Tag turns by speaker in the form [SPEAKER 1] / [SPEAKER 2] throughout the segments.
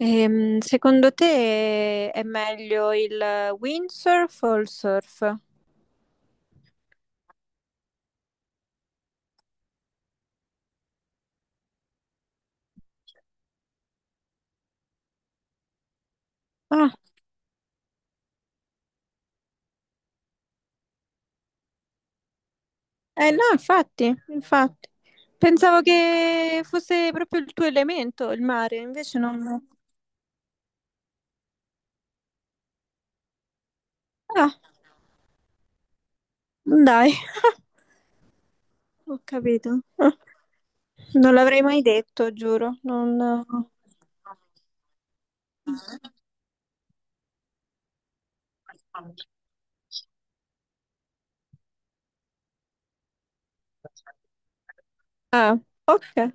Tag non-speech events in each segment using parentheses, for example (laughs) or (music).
[SPEAKER 1] Secondo te è meglio il windsurf o il surf? Ah, eh no, infatti, infatti. Pensavo che fosse proprio il tuo elemento, il mare, invece non... Ah, dai, (laughs) ho capito. Ah, non l'avrei mai detto, giuro. Non... Ah, ok.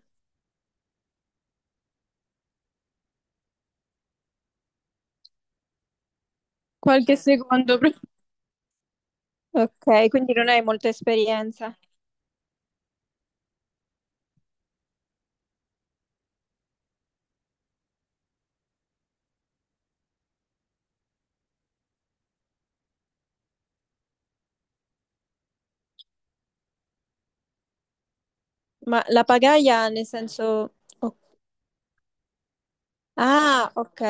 [SPEAKER 1] Qualche secondo prima. Ok, quindi non hai molta esperienza. Ma la pagaia nel senso... ok. Ah, ok.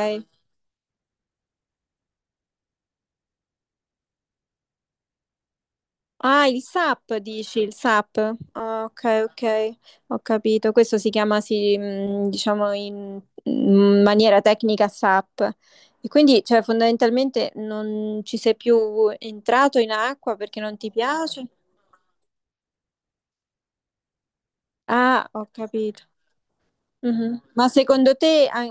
[SPEAKER 1] Ah, il SAP dici, il SAP. Ah, ok, ok, ho capito. Questo si chiama, sì, diciamo, in maniera tecnica SAP. E quindi, cioè, fondamentalmente non ci sei più entrato in acqua perché non ti piace? Ah, ho capito. Mhm. Ma secondo te, ah,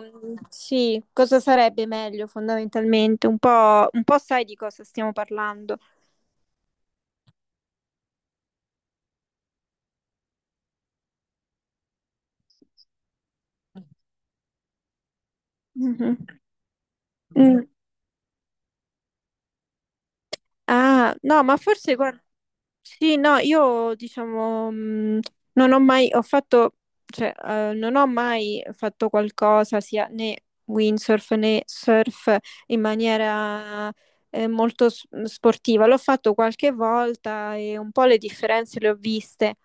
[SPEAKER 1] sì, cosa sarebbe meglio fondamentalmente? Un po' sai di cosa stiamo parlando. Mhm. Mm. Ah, no, ma forse guarda. Sì, no, io diciamo non ho mai, ho fatto, cioè, non ho mai fatto qualcosa sia né windsurf né surf in maniera molto s- mhmm, sportiva. L'ho fatto qualche volta e un po' le differenze le ho viste.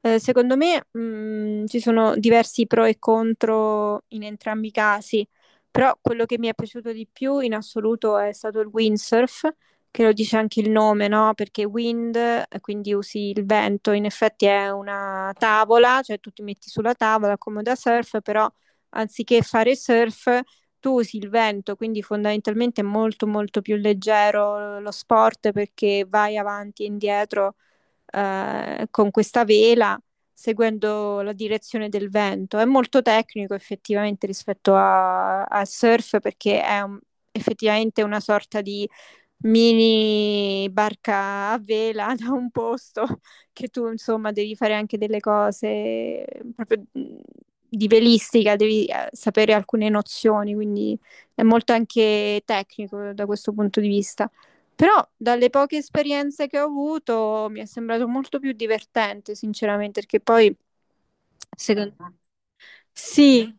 [SPEAKER 1] Secondo me, ci sono diversi pro e contro in entrambi i casi, però quello che mi è piaciuto di più in assoluto è stato il windsurf che lo dice anche il nome, no? Perché wind, quindi usi il vento, in effetti è una tavola, cioè tu ti metti sulla tavola come da surf, però anziché fare surf tu usi il vento, quindi fondamentalmente è molto molto più leggero lo sport perché vai avanti e indietro con questa vela seguendo la direzione del vento. È molto tecnico effettivamente rispetto a- al surf perché è un- effettivamente una sorta di mini barca a vela (laughs) da un posto che tu insomma devi fare anche delle cose mm, proprio di velistica, devi sapere alcune nozioni, quindi è molto anche tecnico da questo punto di vista. Però dalle poche esperienze che ho avuto mi è sembrato molto più divertente, sinceramente, perché poi secondo me sì,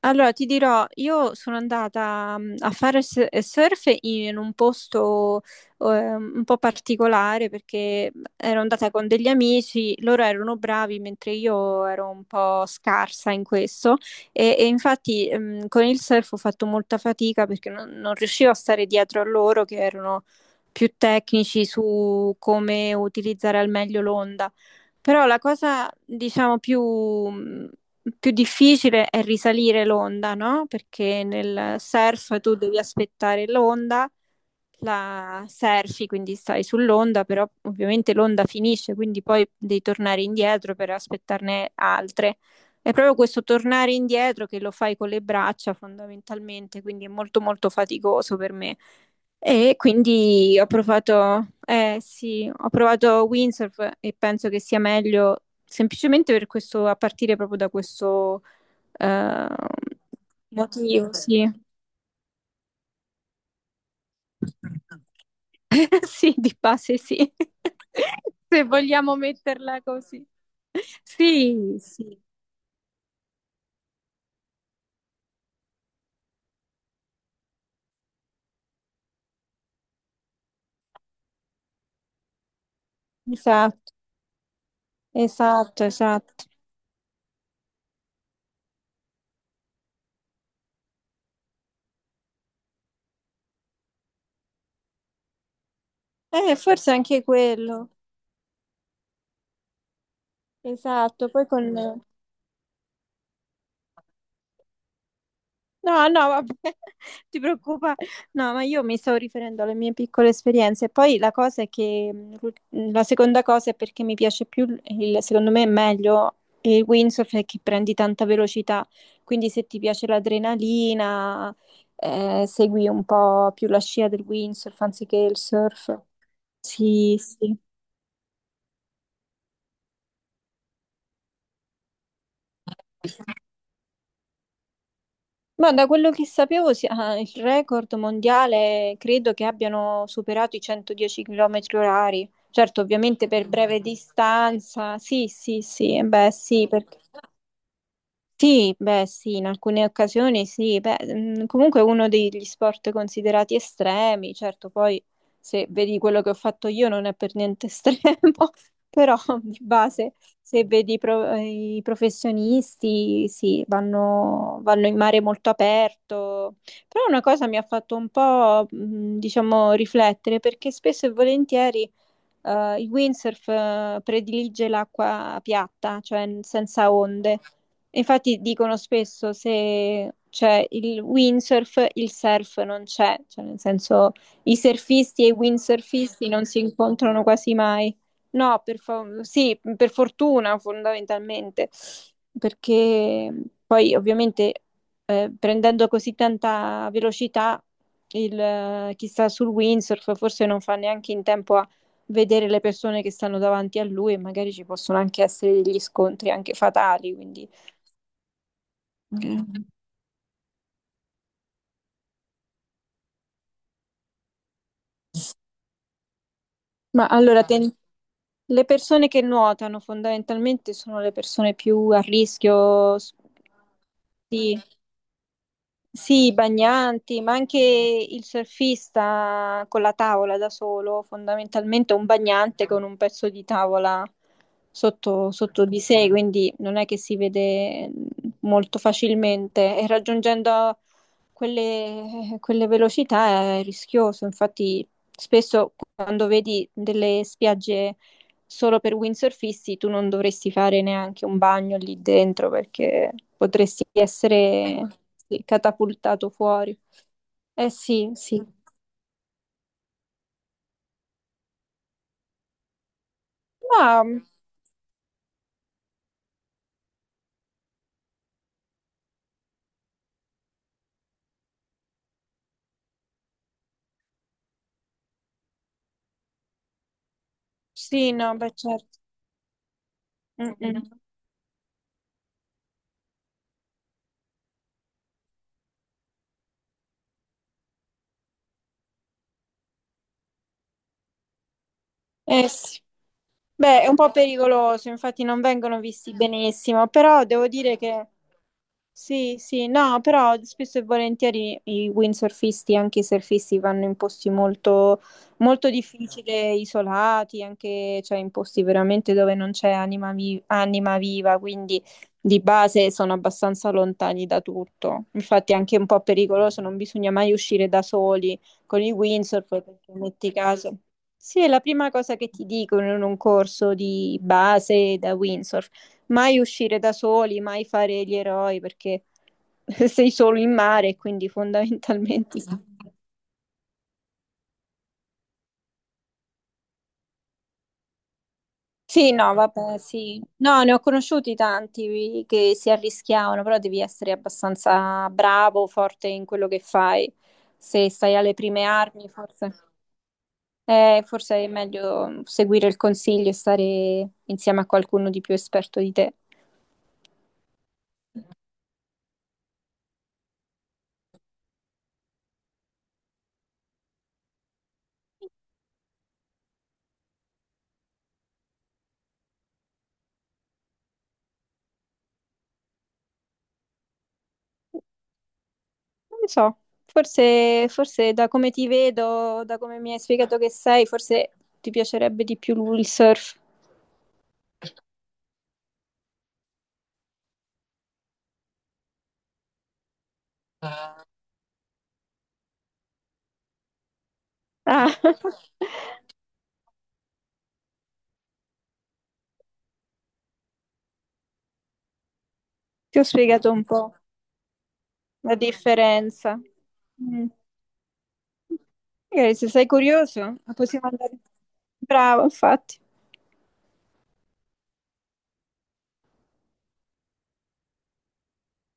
[SPEAKER 1] allora, ti dirò, io sono andata mm, a fare s- surf in un posto un po' particolare perché mhmm, ero andata con degli amici, loro erano bravi mentre io ero un po' scarsa in questo e infatti mm, con il surf ho fatto molta fatica perché non riuscivo a stare dietro a loro che erano più tecnici su come utilizzare al meglio l'onda. Però la cosa, diciamo, più, mhmm, più difficile è risalire l'onda, no? Perché nel surf tu devi aspettare l'onda la surfi, quindi stai sull'onda, però ovviamente l'onda finisce, quindi poi devi tornare indietro per aspettarne altre. È proprio questo tornare indietro che lo fai con le braccia fondamentalmente, quindi è molto molto faticoso per me. E quindi ho provato, eh sì, ho provato windsurf e penso che sia meglio semplicemente per questo, a partire proprio da questo eh, motivo, sì. (laughs) Sì, di base sì, (laughs) se vogliamo metterla così. Sì, sì, esatto, esatto, esatto. Forse anche quello, esatto, poi con... No, no, vabbè, (laughs) ti preoccupa. No, ma io mi stavo riferendo alle mie piccole esperienze. Poi la cosa è che la seconda cosa è perché mi piace più, il- secondo me è meglio il windsurf è che prendi tanta velocità. Quindi se ti piace l'adrenalina, segui un po' più la scia del windsurf anziché il surf. Sì, sì. Ma da quello che sapevo, si- ah, il record mondiale credo che abbiano superato i 110 km orari. Certo, ovviamente per breve distanza. Sì, sì, sì, eh beh, sì, perché... Sì, beh, sì, in alcune occasioni sì, beh, mm, comunque è uno degli sport considerati estremi, certo, poi se vedi quello che ho fatto io non è per niente estremo, (laughs) però di base se vedi i pro- i professionisti, sì, vanno, vanno in mare molto aperto, però una cosa mi ha fatto un po', mm, diciamo, riflettere perché spesso e volentieri il windsurf predilige l'acqua piatta, cioè n- senza onde. Infatti dicono spesso se c'è il windsurf, il surf non c'è, cioè nel senso i surfisti e i windsurfisti non si incontrano quasi mai. No, per fa- sì, per fortuna fondamentalmente, perché poi ovviamente prendendo così tanta velocità, il, chi sta sul windsurf forse non fa neanche in tempo a vedere le persone che stanno davanti a lui e magari ci possono anche essere degli scontri anche fatali, quindi... Ok. Ma allora, ten- le persone che nuotano fondamentalmente sono le persone più a rischio s- di... Sì, i bagnanti, ma anche il surfista con la tavola da solo, fondamentalmente è un bagnante con un pezzo di tavola sotto, sotto di sé, quindi non è che si vede molto facilmente e raggiungendo quelle velocità è rischioso, infatti spesso quando vedi delle spiagge solo per windsurfisti tu non dovresti fare neanche un bagno lì dentro perché potresti essere sì, catapultato fuori. Eh sì, sì. Ma sì, no, beh certo. Mm, mm. Eh sì. Beh, è un po' pericoloso, infatti non vengono visti benissimo, però devo dire che sì, sì, no, però spesso e volentieri i windsurfisti, anche i surfisti, vanno in posti molto, molto difficili, isolati, anche cioè in posti veramente dove non c'è anima, vi- anima viva, quindi di base sono abbastanza lontani da tutto. Infatti è anche un po' pericoloso, non bisogna mai uscire da soli con i windsurf, perché metti caso. Sì, è la prima cosa che ti dicono in un corso di base da windsurf. Mai uscire da soli, mai fare gli eroi perché (laughs) sei solo in mare, quindi fondamentalmente... Sì, no, vabbè, sì. No, ne ho conosciuti tanti che si arrischiavano, però devi essere abbastanza bravo, forte in quello che fai. Se stai alle prime armi, forse, forse è meglio seguire il consiglio e stare insieme a qualcuno di più esperto di te. Non lo so, forse, forse, da come ti vedo, da come mi hai spiegato che sei, forse ti piacerebbe di più lui il surf. Ah, (laughs) ti ho spiegato un po' la differenza. Mm. Magari se sei curioso, possiamo andare. Bravo, infatti.